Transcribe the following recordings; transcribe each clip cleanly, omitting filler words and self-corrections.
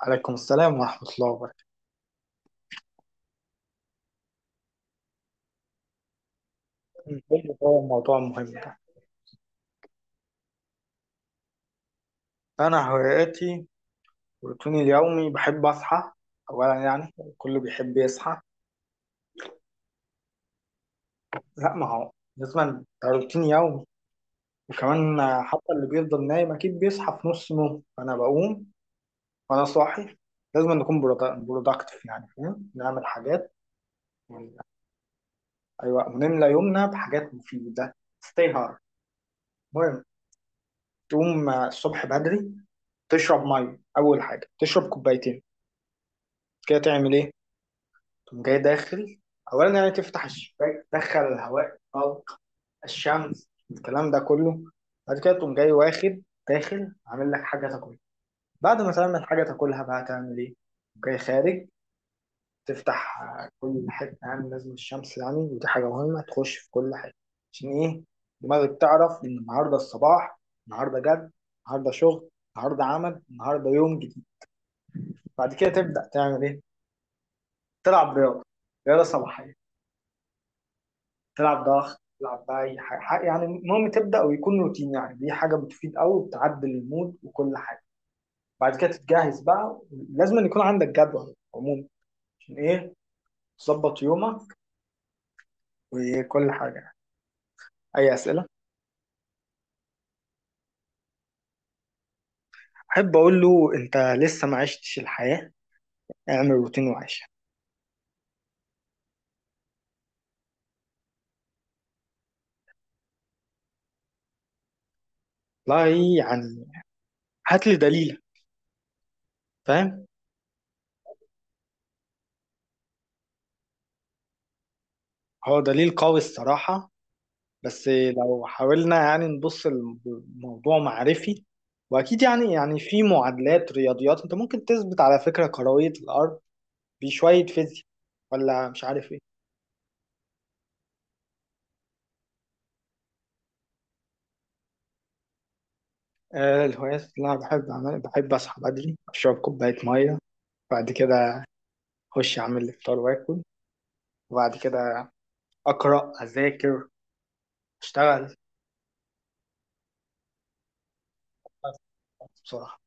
عليكم السلام ورحمة الله وبركاته. برضه هو الموضوع مهم ده. أنا هواياتي، روتيني اليومي بحب أصحى. أولا يعني كله بيحب يصحى. لا ما هو، لازم ده روتين يومي. وكمان حتى اللي بيفضل نايم أكيد بيصحى في نص نوم، فأنا بقوم. وأنا صاحي لازم نكون برودكتيف، يعني فاهم، نعمل حاجات. ون- أيوة، ونملى يومنا بحاجات مفيدة. ستي هارد. المهم، تقوم الصبح بدري، تشرب مية، أول حاجة تشرب كوبايتين. كده تعمل إيه؟ تقوم جاي داخل، اولا يعني تفتح الشباك، تدخل الهواء طلق، الشمس، الكلام ده كله. بعد كده تقوم جاي واخد داخل، عامل لك حاجه تاكلها. بعد ما تعمل حاجه تاكلها، بقى تعمل ايه؟ تقوم جاي خارج، تفتح كل حته، يعني لازم الشمس، يعني ودي حاجه مهمه تخش في كل حته. عشان ايه؟ دماغك تعرف ان النهارده الصباح، النهارده جد، النهارده شغل، النهارده عمل، النهارده يوم جديد. بعد كده تبدا تعمل ايه؟ تلعب رياضه، رياضه صباحيه، تلعب ضغط، تلعب بقى اي حاجه يعني. المهم تبدا ويكون روتين، يعني دي حاجه بتفيد قوي، وبتعدل المود وكل حاجه. بعد كده تتجهز بقى. لازم أن يكون عندك جدول عموما. عشان ايه؟ تظبط يومك وكل حاجه يعني. اي اسئله؟ احب اقول له انت لسه ما عشتش الحياه، اعمل روتين وعيشها. لا، يعني هات لي دليل. فاهم. هو دليل قوي الصراحه، بس لو حاولنا يعني نبص الموضوع معرفي، واكيد يعني في معادلات رياضيات انت ممكن تثبت على فكره كرويه الارض، بشويه فيزياء ولا مش عارف ايه. الهوايات اللي انا بحب اعملها، بحب اصحى بدري، اشرب كوبايه ميه. بعد كده اخش اعمل الفطار واكل. وبعد كده اقرا، اذاكر، اشتغل. بصراحه،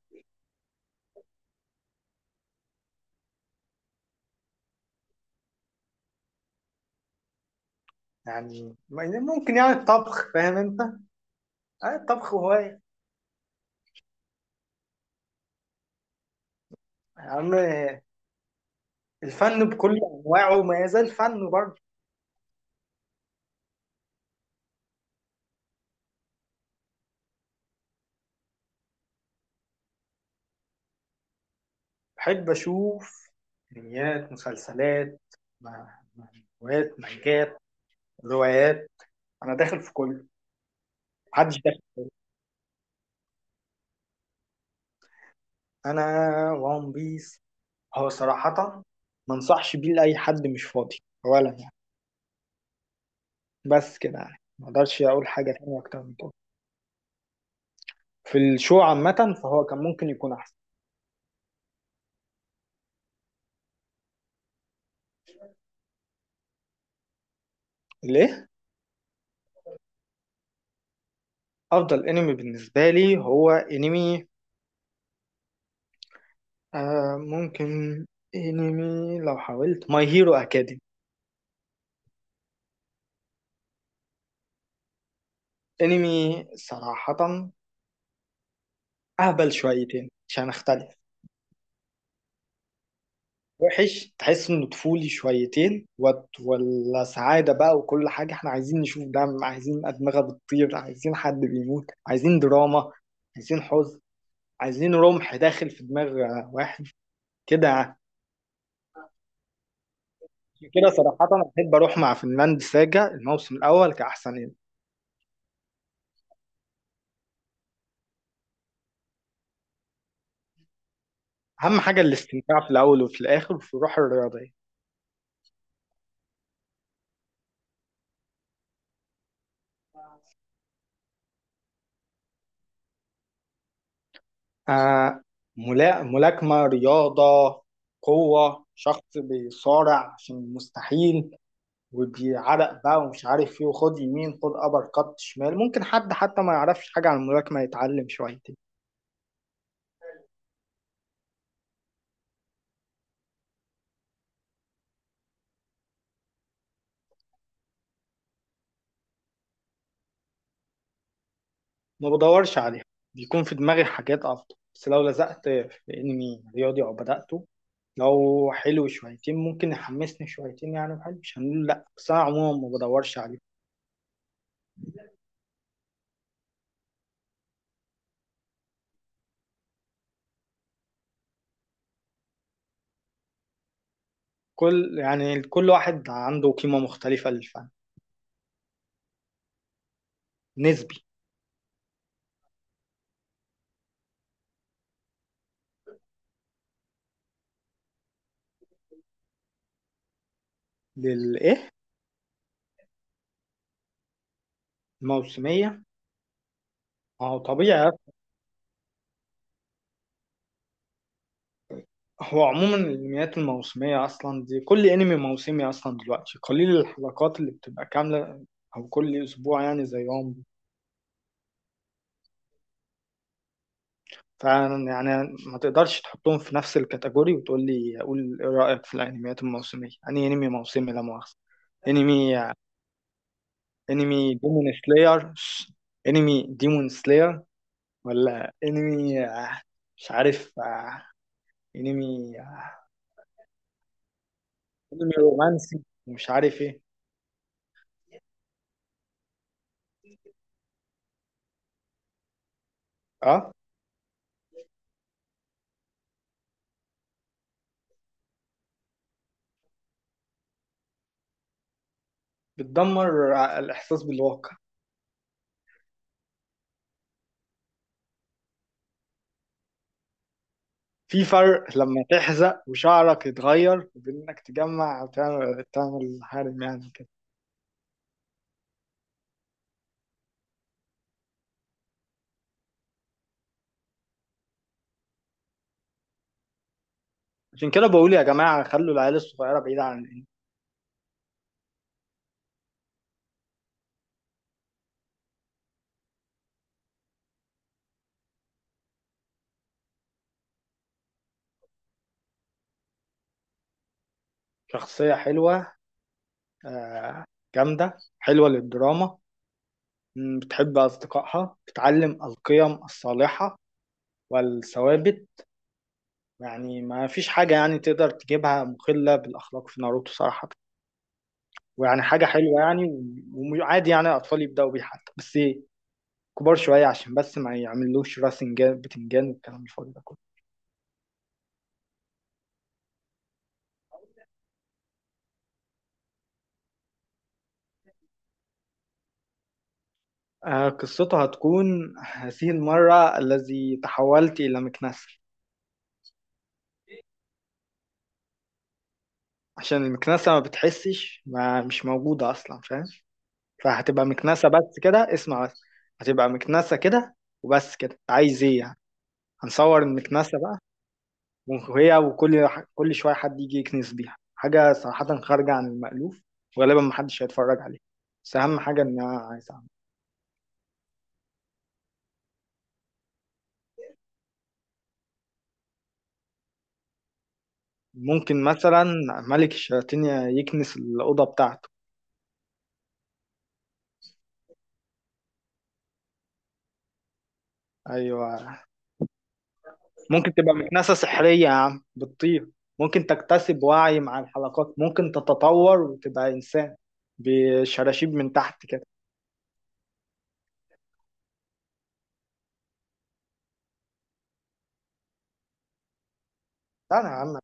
يعني ممكن يعني الطبخ، فاهم انت، الطبخ هوايه. يعني الفن بكل انواعه ما يزال فن برضه. بحب اشوف انميات، مسلسلات، م- مانجوات، مانجات، روايات. انا داخل في كله. محدش داخل. انا وان بيس، هو صراحة ما انصحش بيه لاي حد، مش فاضي اولا يعني. بس كده يعني ما اقدرش اقول حاجة تانية اكتر من كده. في الشو عامة فهو كان ممكن يكون احسن. ليه؟ افضل انمي بالنسبة لي هو انمي، ممكن انمي لو حاولت ماي هيرو اكاديمي. انمي صراحة اهبل شويتين عشان اختلف، وحش، تحس انه طفولي شويتين، وات ولا سعاده بقى وكل حاجه، احنا عايزين نشوف دم، عايزين ادمغه بتطير، عايزين حد بيموت، عايزين دراما، عايزين حزن، عايزين رمح داخل في دماغ واحد، كده يعني. عشان كده صراحه انا بحب اروح مع فنلاند ساجا الموسم الاول كاحسن يعني. اهم حاجه الاستمتاع، في الاول وفي الاخر وفي الروح الرياضيه. آه ملاكمه، رياضه، قوه، شخص بيصارع عشان المستحيل، ودي عرق بقى ومش عارف ايه، وخد يمين، خد ابر كات شمال، ممكن حد حتى ما يعرفش حاجة عن الملاكمة يتعلم شويتين. ما بدورش عليها، بيكون في دماغي حاجات افضل، بس لو لزقت في انمي رياضي او بدأته، لو حلو شويتين ممكن يحمسني شويتين يعني، وحلو مش هنقول لا، بس انا عموما ما بدورش عليه. كل يعني كل واحد عنده قيمة مختلفة للفن، نسبي. للايه؟ الموسمية؟ ما هو طبيعي. هو عموما الانميات الموسمية اصلا دي، كل انمي موسمي اصلا دلوقتي قليل الحلقات اللي بتبقى كاملة، او كل اسبوع يعني زيهم. فعلا يعني ما تقدرش تحطهم في نفس الكاتيجوري وتقول لي قول ايه رأيك في الانميات الموسمية؟ يعني انمي موسمي لا مؤاخذة، انمي انمي ديمون سلاير، انمي ديمون سلاير، ولا انمي مش عارف انمي انمي رومانسي، ومش عارف ايه. اه، بتدمر الإحساس بالواقع. في فرق لما تحزق وشعرك يتغير، وبين انك تجمع أو تعمل حارم يعني كده. عشان كده بقول يا جماعة خلوا العيال الصغيرة بعيدة عن الإنمي. شخصية حلوة، آه، جامدة، حلوة للدراما، بتحب أصدقائها، بتعلم القيم الصالحة والثوابت. يعني ما فيش حاجة يعني تقدر تجيبها مخلة بالأخلاق في ناروتو صراحة، ويعني حاجة حلوة يعني. وعادي يعني الأطفال يبدأوا بيها حتى، بس كبار شوية، عشان بس ما يعملوش راسنجان بتنجان والكلام الفاضي ده كله. قصتها هتكون هذه المرة الذي تحولت إلى مكنسة. عشان المكنسة ما بتحسش، ما مش موجودة أصلا، فاهم. فهتبقى مكنسة، بس كده اسمع بس. هتبقى مكنسة كده، وبس كده عايز إيه يعني. هنصور المكنسة بقى وهي، وكل شوية حد يجي يكنس بيها حاجة، صراحة خارجة عن المألوف، وغالبا محدش هيتفرج عليها، بس أهم حاجة إن أنا عايز أعمل. ممكن مثلا ملك الشياطين يكنس الأوضة بتاعته. أيوة. ممكن تبقى مكنسة سحرية يا عم، بتطير. ممكن تكتسب وعي مع الحلقات، ممكن تتطور وتبقى إنسان بشراشيب من تحت كده. لا أنا يا عم.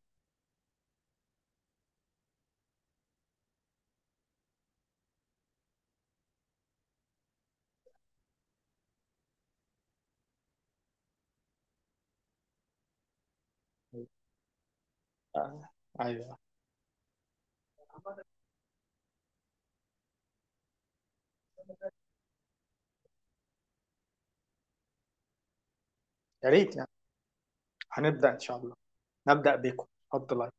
أيوة. يا ريت يعني. هنبدأ إن شاء الله، نبدأ بيكم. اتفضل.